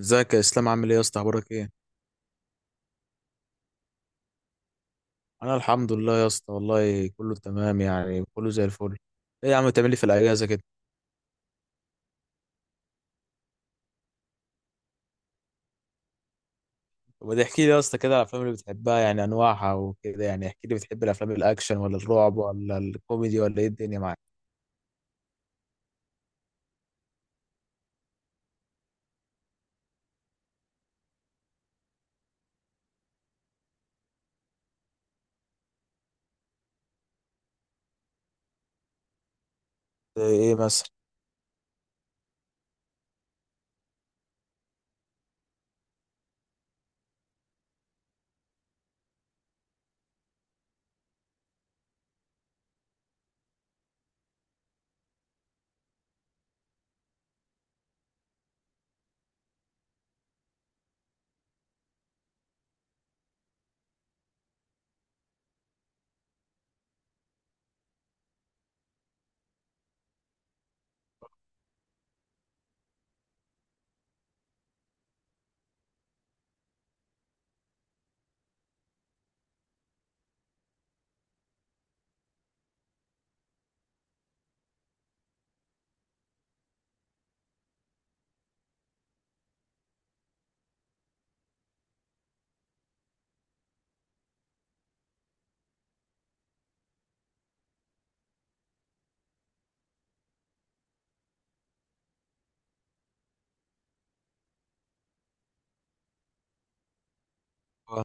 ازيك يا اسلام، عامل ايه يا اسطى؟ اخبارك ايه؟ انا الحمد لله يا اسطى والله كله تمام، يعني كله زي الفل. ايه يا عم بتعمل لي في الاجازه كده؟ طب احكي لي يا اسطى كده على الافلام اللي بتحبها، يعني انواعها وكده، يعني احكي لي، بتحب الافلام الاكشن ولا الرعب ولا الكوميدي؟ ولا ايه الدنيا معاك؟ زي ايه مثلا؟ اه،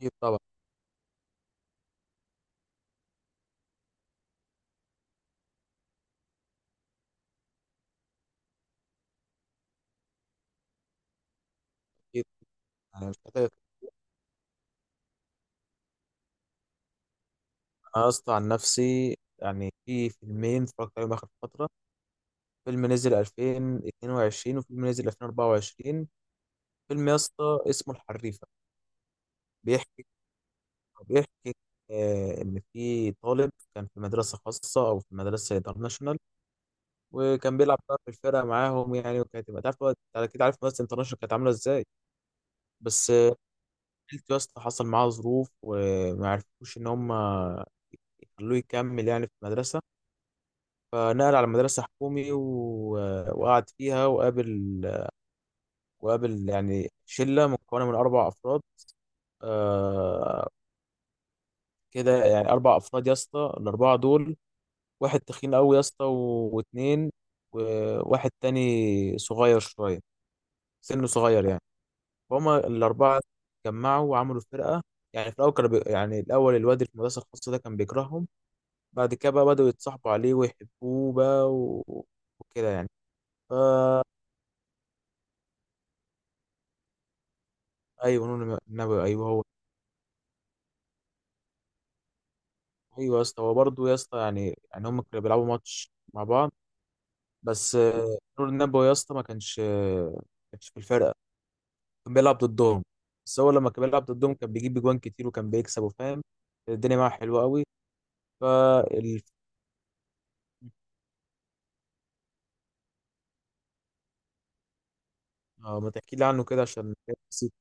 اكيد طبعا. اكيد. مش محتاج أتكلم. انا يا اسطى عن نفسي يعني في فيلمين اتفرجت عليهم اخر فتره. فيلم نزل 2022 وفيلم نزل 2024. فيلم يا اسطى اسمه الحريفه. بيحكي بيحكي إن في طالب كان في مدرسة خاصة أو في مدرسة انترناشونال، وكان بيلعب بقى في الفرقة معاهم يعني، وكانت تبقى تعرف بقى، أنت أكيد عارف مدرسة انترناشونال كانت عاملة إزاي. بس آه، عيلته يا اسطى حصل معاها ظروف، وما عرفوش إن هم يخلوه يكمل يعني في المدرسة، فنقل على مدرسة حكومي. و... وقعد فيها وقابل يعني شلة مكونة من أربع أفراد. آه كده يعني أربع أفراد يا اسطى، الأربعة دول واحد تخين قوي يا اسطى، واتنين، وواحد تاني صغير شويه، سنه صغير يعني. فهم الاربعه اتجمعوا وعملوا فرقه. يعني في الاول يعني الاول الواد اللي في المدرسه الخاصه ده كان بيكرههم، بعد كده بقى بداوا يتصاحبوا عليه ويحبوه بقى، و... وكده يعني. ايوه نون النبي، ايوه هو. ايوه يا اسطى، هو برضه يا اسطى يعني هم كانوا بيلعبوا ماتش مع بعض. بس آه، نور النبوي يا اسطى ما كانش في الفرقه، كان بيلعب ضدهم. بس هو لما كان بيلعب ضدهم كان بيجيب اجوان كتير، وكان بيكسب وفاهم الدنيا معاه حلوه قوي. فال اه، ما تحكي لي عنه كده عشان نسيت.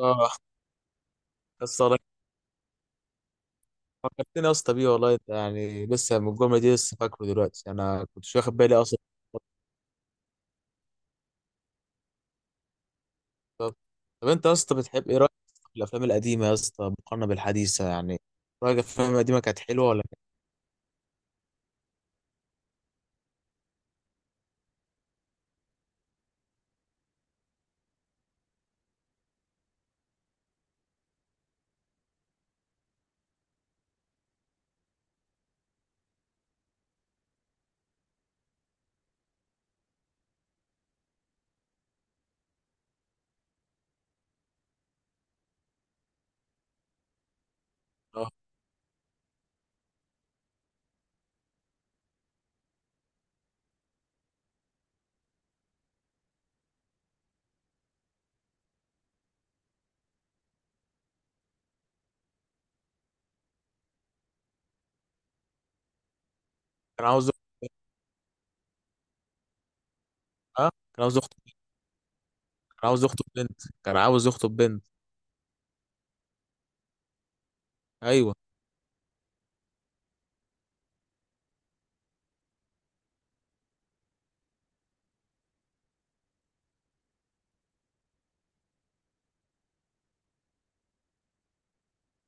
اه بس والله فكرتني يا اسطى بيه، والله انت يعني لسه من الجمله دي لسه فاكره دلوقتي، انا كنتش واخد بالي اصلا. طب طب انت يا اسطى بتحب ايه؟ رايك في الافلام القديمه يا اسطى مقارنه بالحديثه يعني؟ رايك الافلام القديمه كانت حلوه ولا كانت؟ اه، كان عاوز. اه، كان عاوز يخطب، كان عاوز يخطب بنت، كان عاوز يخطب بنت. ايوه،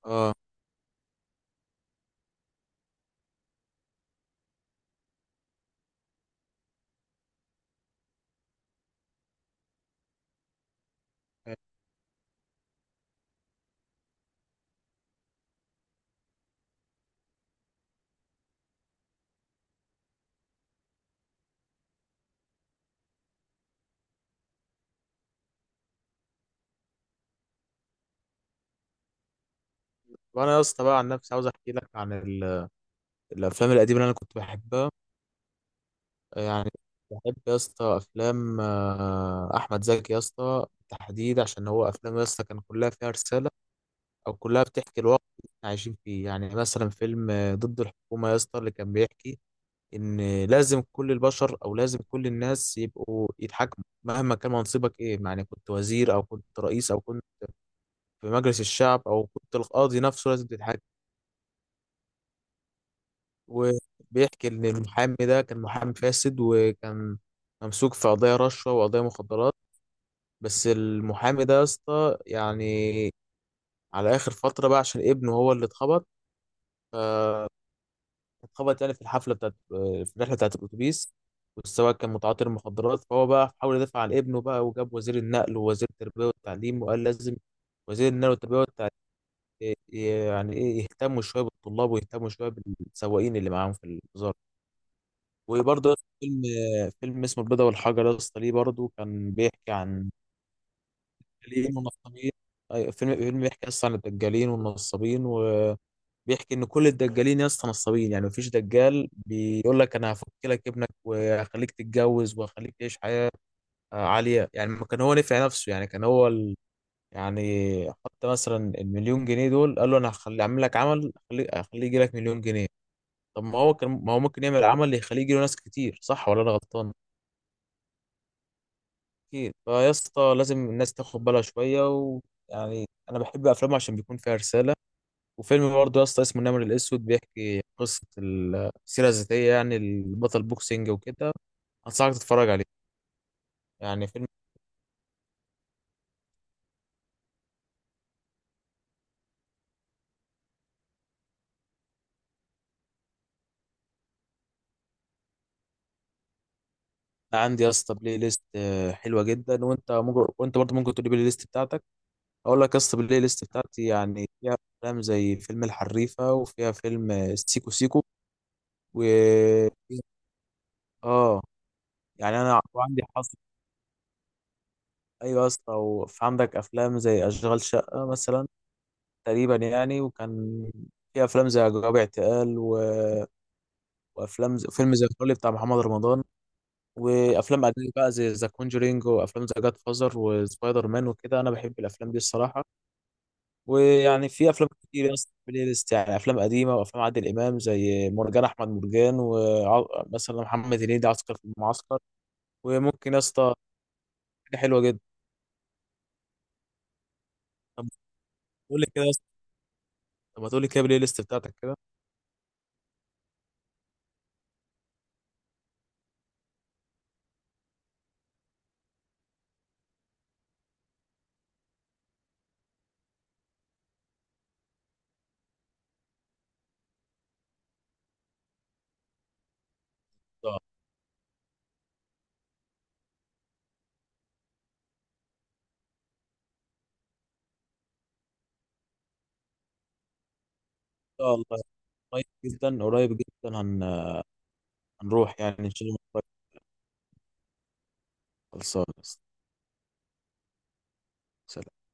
اه. وانا يا اسطى بقى عن نفسي عاوز احكي لك عن الافلام القديمه اللي انا كنت بحبها يعني. بحب يا اسطى افلام احمد زكي يا اسطى بالتحديد، عشان هو افلام يا اسطى كان كلها فيها رساله، او كلها بتحكي الواقع اللي احنا عايشين فيه. يعني مثلا فيلم ضد الحكومه يا اسطى، اللي كان بيحكي ان لازم كل البشر، او لازم كل الناس يبقوا يتحكموا مهما كان منصبك ايه، يعني كنت وزير او كنت رئيس او كنت في مجلس الشعب او كنت القاضي نفسه، لازم تتحكم. وبيحكي ان المحامي ده كان محامي فاسد، وكان ممسوك في قضايا رشوه وقضايا مخدرات. بس المحامي ده يا اسطى يعني على اخر فتره بقى، عشان ابنه هو اللي اتخبط. آه، اتخبط يعني في الحفله بتاعت في الرحله بتاعت الاتوبيس، والسواق كان متعاطي المخدرات، فهو بقى حاول يدافع عن ابنه بقى، وجاب وزير النقل ووزير التربيه والتعليم، وقال لازم وزير النقل والتربيه والتعليم يعني ايه يهتموا شويه بالطلاب ويهتموا شويه بالسواقين اللي معاهم في الوزاره. وبرضه يا اسطى فيلم اسمه البيضة والحجر يا اسطى، ليه برضه؟ كان بيحكي عن الدجالين والنصابين. أيوة، فيلم بيحكي اصلا عن الدجالين والنصابين، وبيحكي ان كل الدجالين يا اسطى نصابين، يعني مفيش دجال بيقول لك انا هفك لك ابنك وهخليك تتجوز وهخليك تعيش حياة عالية. يعني ما كان هو نفع نفسه، يعني كان هو ال... يعني حط مثلا المليون جنيه دول، قال له انا هخلي اعمل لك عمل هخليه هخليه يجي لك مليون جنيه. طب ما هو ممكن يعمل عمل يخليه يجي له ناس كتير، صح ولا انا غلطان؟ اكيد. فيا اسطى لازم الناس تاخد بالها شويه، ويعني انا بحب افلامه عشان بيكون فيها رساله. وفيلم برضه يا اسطى اسمه النمر الاسود، بيحكي قصه السيره الذاتيه، يعني البطل بوكسينج وكده. انصحك تتفرج عليه. يعني فيلم. عندي يا اسطى بلاي ليست حلوه جدا، وانت ممكن، وانت برضه ممكن تقول لي بلاي ليست بتاعتك. اقول لك يا اسطى البلاي ليست بتاعتي يعني فيها افلام زي فيلم الحريفه، وفيها فيلم سيكو سيكو، و اه. يعني انا عندي حظ. ايوه يا اسطى، وفي عندك افلام زي اشغال شقه مثلا، تقريبا يعني. وكان في افلام زي جواب اعتقال وافلام زي فيلم زي الفل بتاع محمد رمضان، وافلام اجنبي بقى زي ذا كونجرينج، وافلام زي جاد فازر وسبايدر مان وكده. انا بحب الافلام دي الصراحه. ويعني في افلام كتير يا اسطى في البلاي ليست، يعني افلام قديمه، وافلام عادل امام زي مرجان احمد مرجان، ومثلا محمد هنيدي عسكر في المعسكر. وممكن يا اسطى، حاجه حلوه جدا. طب قول لي كده يا اسطى، طب ما تقول لي كده البلاي ليست بتاعتك كده. شاء الله، قريب جدا هن... هنروح يعني ان شاء الله قريب. خلصان. سلام.